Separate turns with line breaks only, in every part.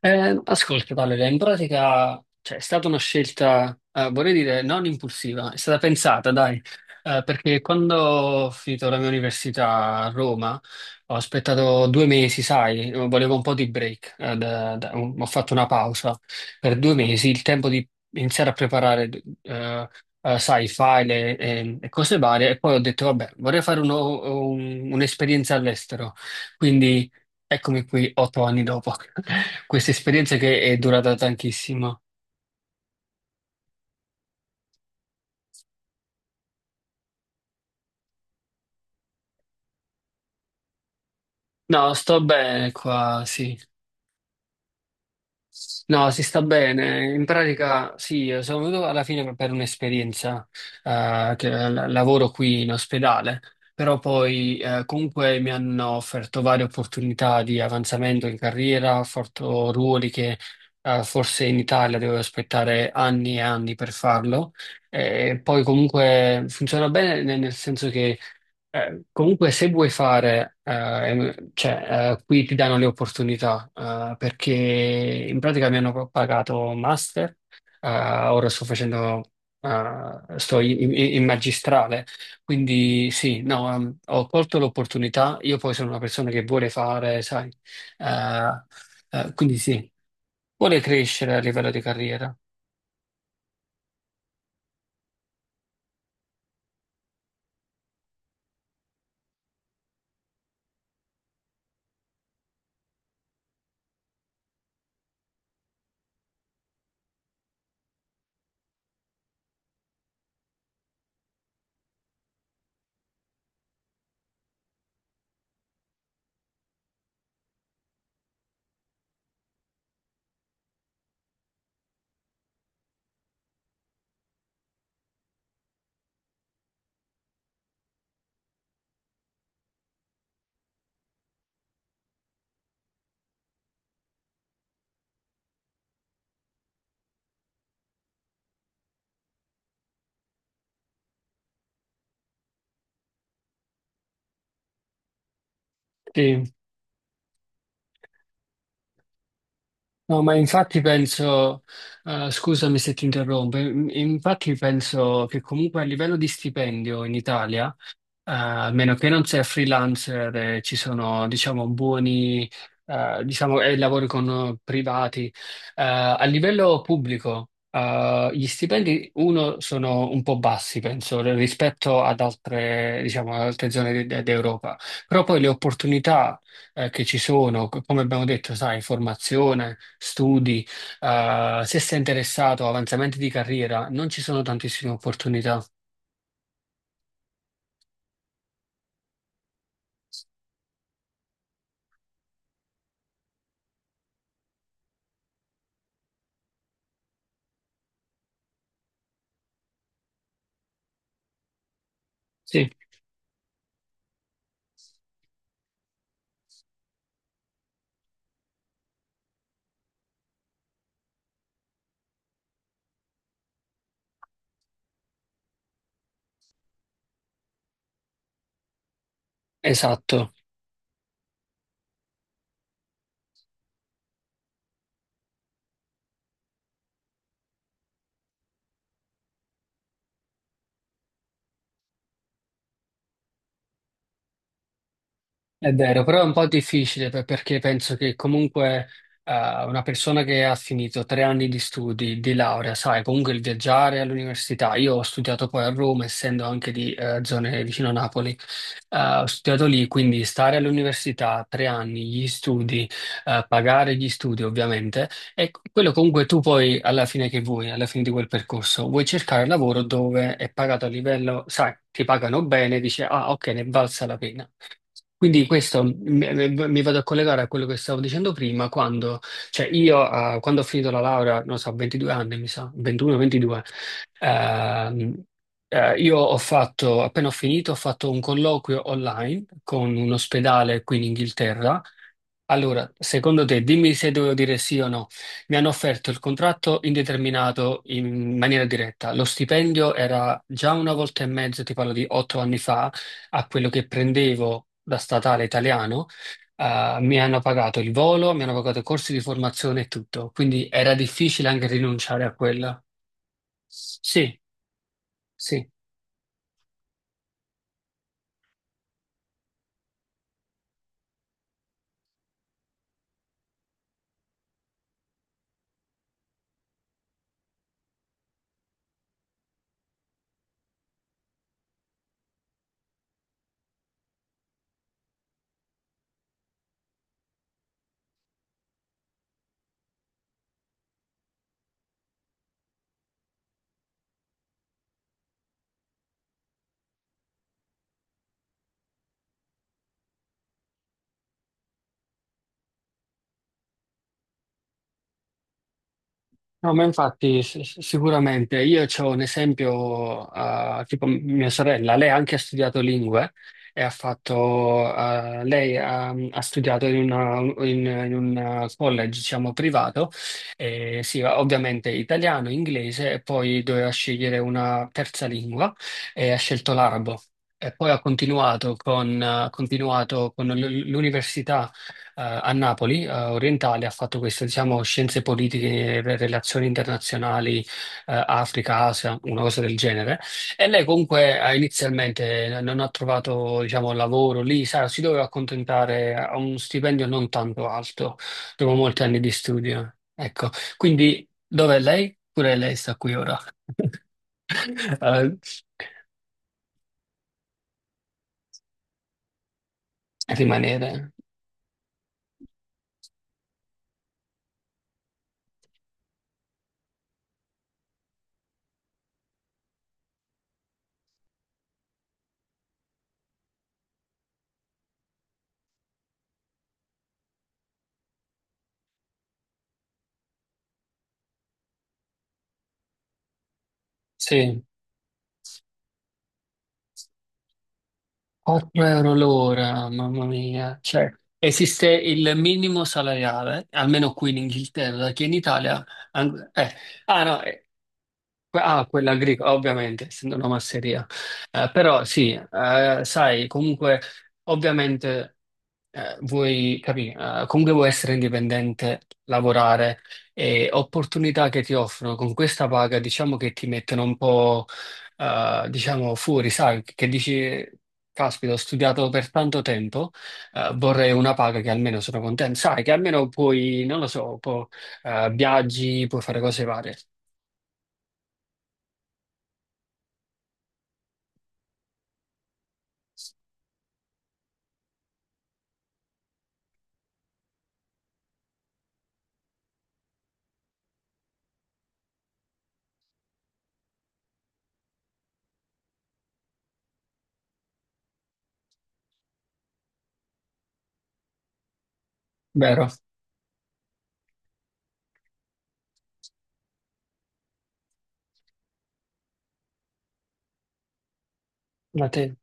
Ascolta, Valeria, in pratica, cioè, è stata una scelta, vorrei dire, non impulsiva, è stata pensata, dai. Perché quando ho finito la mia università a Roma, ho aspettato 2 mesi, sai, volevo un po' di break, ho fatto una pausa per 2 mesi, il tempo di iniziare a preparare, eh, sai, file e cose varie, e poi ho detto, vabbè, vorrei fare un'esperienza all'estero. Eccomi qui 8 anni dopo questa esperienza che è durata tantissimo. No, sto bene qua, sì. No, si sta bene. In pratica, sì, sono venuto alla fine per un'esperienza, lavoro qui in ospedale. Però poi, comunque mi hanno offerto varie opportunità di avanzamento in carriera, ho fatto ruoli che, forse in Italia dovevo aspettare anni e anni per farlo. E poi comunque funziona bene nel senso che comunque, se vuoi fare, cioè, qui ti danno le opportunità, perché in pratica mi hanno pagato master, ora sto facendo, sto in magistrale, quindi sì, no, ho colto l'opportunità, io poi sono una persona che vuole fare, sai, eh, quindi sì, vuole crescere a livello di carriera. Sì. No, ma infatti penso, scusami se ti interrompo, infatti penso che comunque a livello di stipendio in Italia, a meno che non sei freelancer, ci sono, diciamo, buoni, diciamo, e lavori con privati. A livello pubblico, gli stipendi, uno, sono un po' bassi, penso, rispetto ad altre, diciamo, ad altre zone d'Europa. Però poi le opportunità, che ci sono, come abbiamo detto, sai, formazione, studi, se sei interessato a avanzamenti di carriera, non ci sono tantissime opportunità. Sì, esatto. È vero, però è un po' difficile perché penso che comunque eh, una persona che ha finito 3 anni di studi, di laurea, sai, comunque il viaggiare all'università, io ho studiato poi a Roma, essendo anche di zone vicino a Napoli, ho studiato lì, quindi stare all'università 3 anni, gli studi, pagare gli studi ovviamente, e quello comunque tu poi alla fine che vuoi, alla fine di quel percorso, vuoi cercare lavoro dove è pagato a livello, sai, ti pagano bene, dici, ah ok, ne è valsa la pena. Quindi questo mi vado a collegare a quello che stavo dicendo prima, quando, cioè io, quando ho finito la laurea, non so, 22 anni mi sa, 21-22, ehm, io ho fatto, appena ho finito, ho fatto un colloquio online con un ospedale qui in Inghilterra, allora, secondo te, dimmi se devo dire sì o no. Mi hanno offerto il contratto indeterminato in maniera diretta. Lo stipendio era già una volta e mezzo, ti parlo di 8 anni fa, a quello che prendevo da statale italiano. Mi hanno pagato il volo, mi hanno pagato i corsi di formazione e tutto. Quindi era difficile anche rinunciare a quella. Sì, sì. No, ma infatti sicuramente io ho un esempio, tipo mia sorella, lei anche ha studiato lingue e ha fatto, lei ha studiato in un college, diciamo, privato, e sì, ovviamente italiano, inglese e poi doveva scegliere una terza lingua e ha scelto l'arabo. E poi ha continuato con l'università a Napoli, orientale, ha fatto questo, diciamo, scienze politiche, relazioni internazionali, Africa, Asia, una cosa del genere. E lei comunque inizialmente non ha trovato, diciamo, lavoro lì, sa, si doveva accontentare a un stipendio non tanto alto, dopo molti anni di studio. Ecco, quindi dov'è lei? Pure lei sta qui ora. Eh, rimanere. Sì. 4 euro l'ora, mamma mia. Cioè, esiste il minimo salariale, almeno qui in Inghilterra, perché in Italia... an- eh, ah, no, ah, quella agricola, ovviamente, essendo una masseria. Però sì, sai, comunque, ovviamente vuoi capire, comunque vuoi essere indipendente, lavorare e opportunità che ti offrono con questa paga, diciamo che ti mettono un po', diciamo, fuori, sai, che dici, caspita, ho studiato per tanto tempo, vorrei una paga che almeno sono contento, sai, che almeno puoi, non lo so, può, viaggi, puoi fare cose varie, vero? Ma te?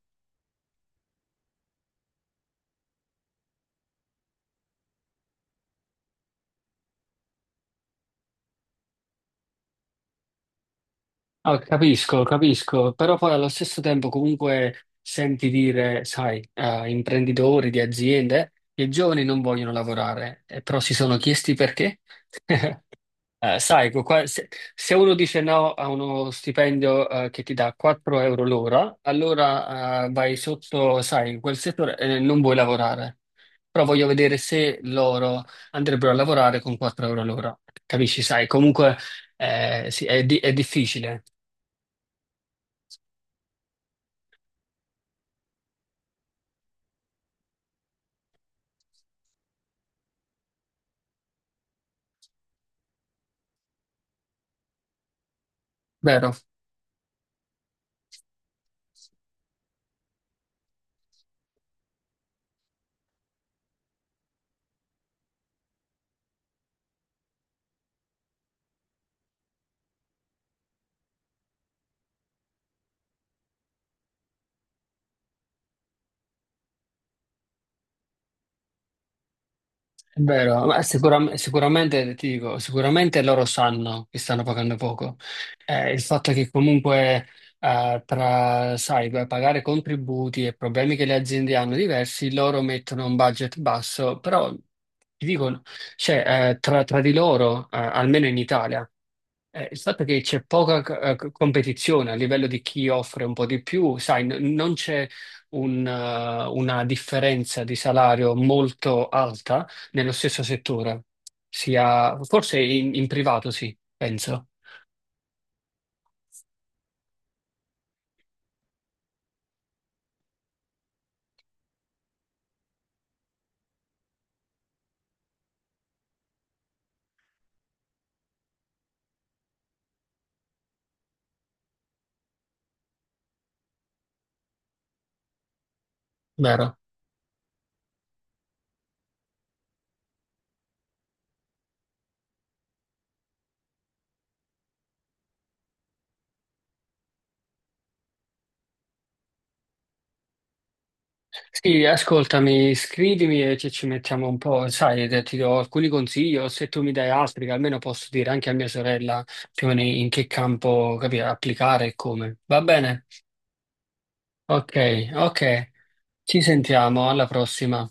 Ah, capisco, capisco, però poi allo stesso tempo comunque senti dire, sai, a imprenditori di aziende che i giovani non vogliono lavorare, però si sono chiesti perché. Sai, se uno dice no a uno stipendio, che ti dà 4 euro l'ora, allora vai sotto, sai, in quel settore e non vuoi lavorare. Però voglio vedere se loro andrebbero a lavorare con 4 euro l'ora. Capisci? Sai, comunque sì, è difficile. Vero. È vero, ma sicuramente, ti dico, sicuramente loro sanno che stanno pagando poco. Il fatto è che comunque sai, per pagare contributi e problemi che le aziende hanno diversi, loro mettono un budget basso, però ti dico, cioè, tra di loro, almeno in Italia, il fatto è che c'è poca competizione a livello di chi offre un po' di più, sai, non c'è una differenza di salario molto alta nello stesso settore, sia forse in privato sì, penso, vero? Sì, ascoltami, scrivimi e ci mettiamo un po', sai, ti do alcuni consigli o se tu mi dai altri che almeno posso dire anche a mia sorella più o meno in che campo, capire, applicare e come. Va bene? Ok, ok. Ci sentiamo, alla prossima.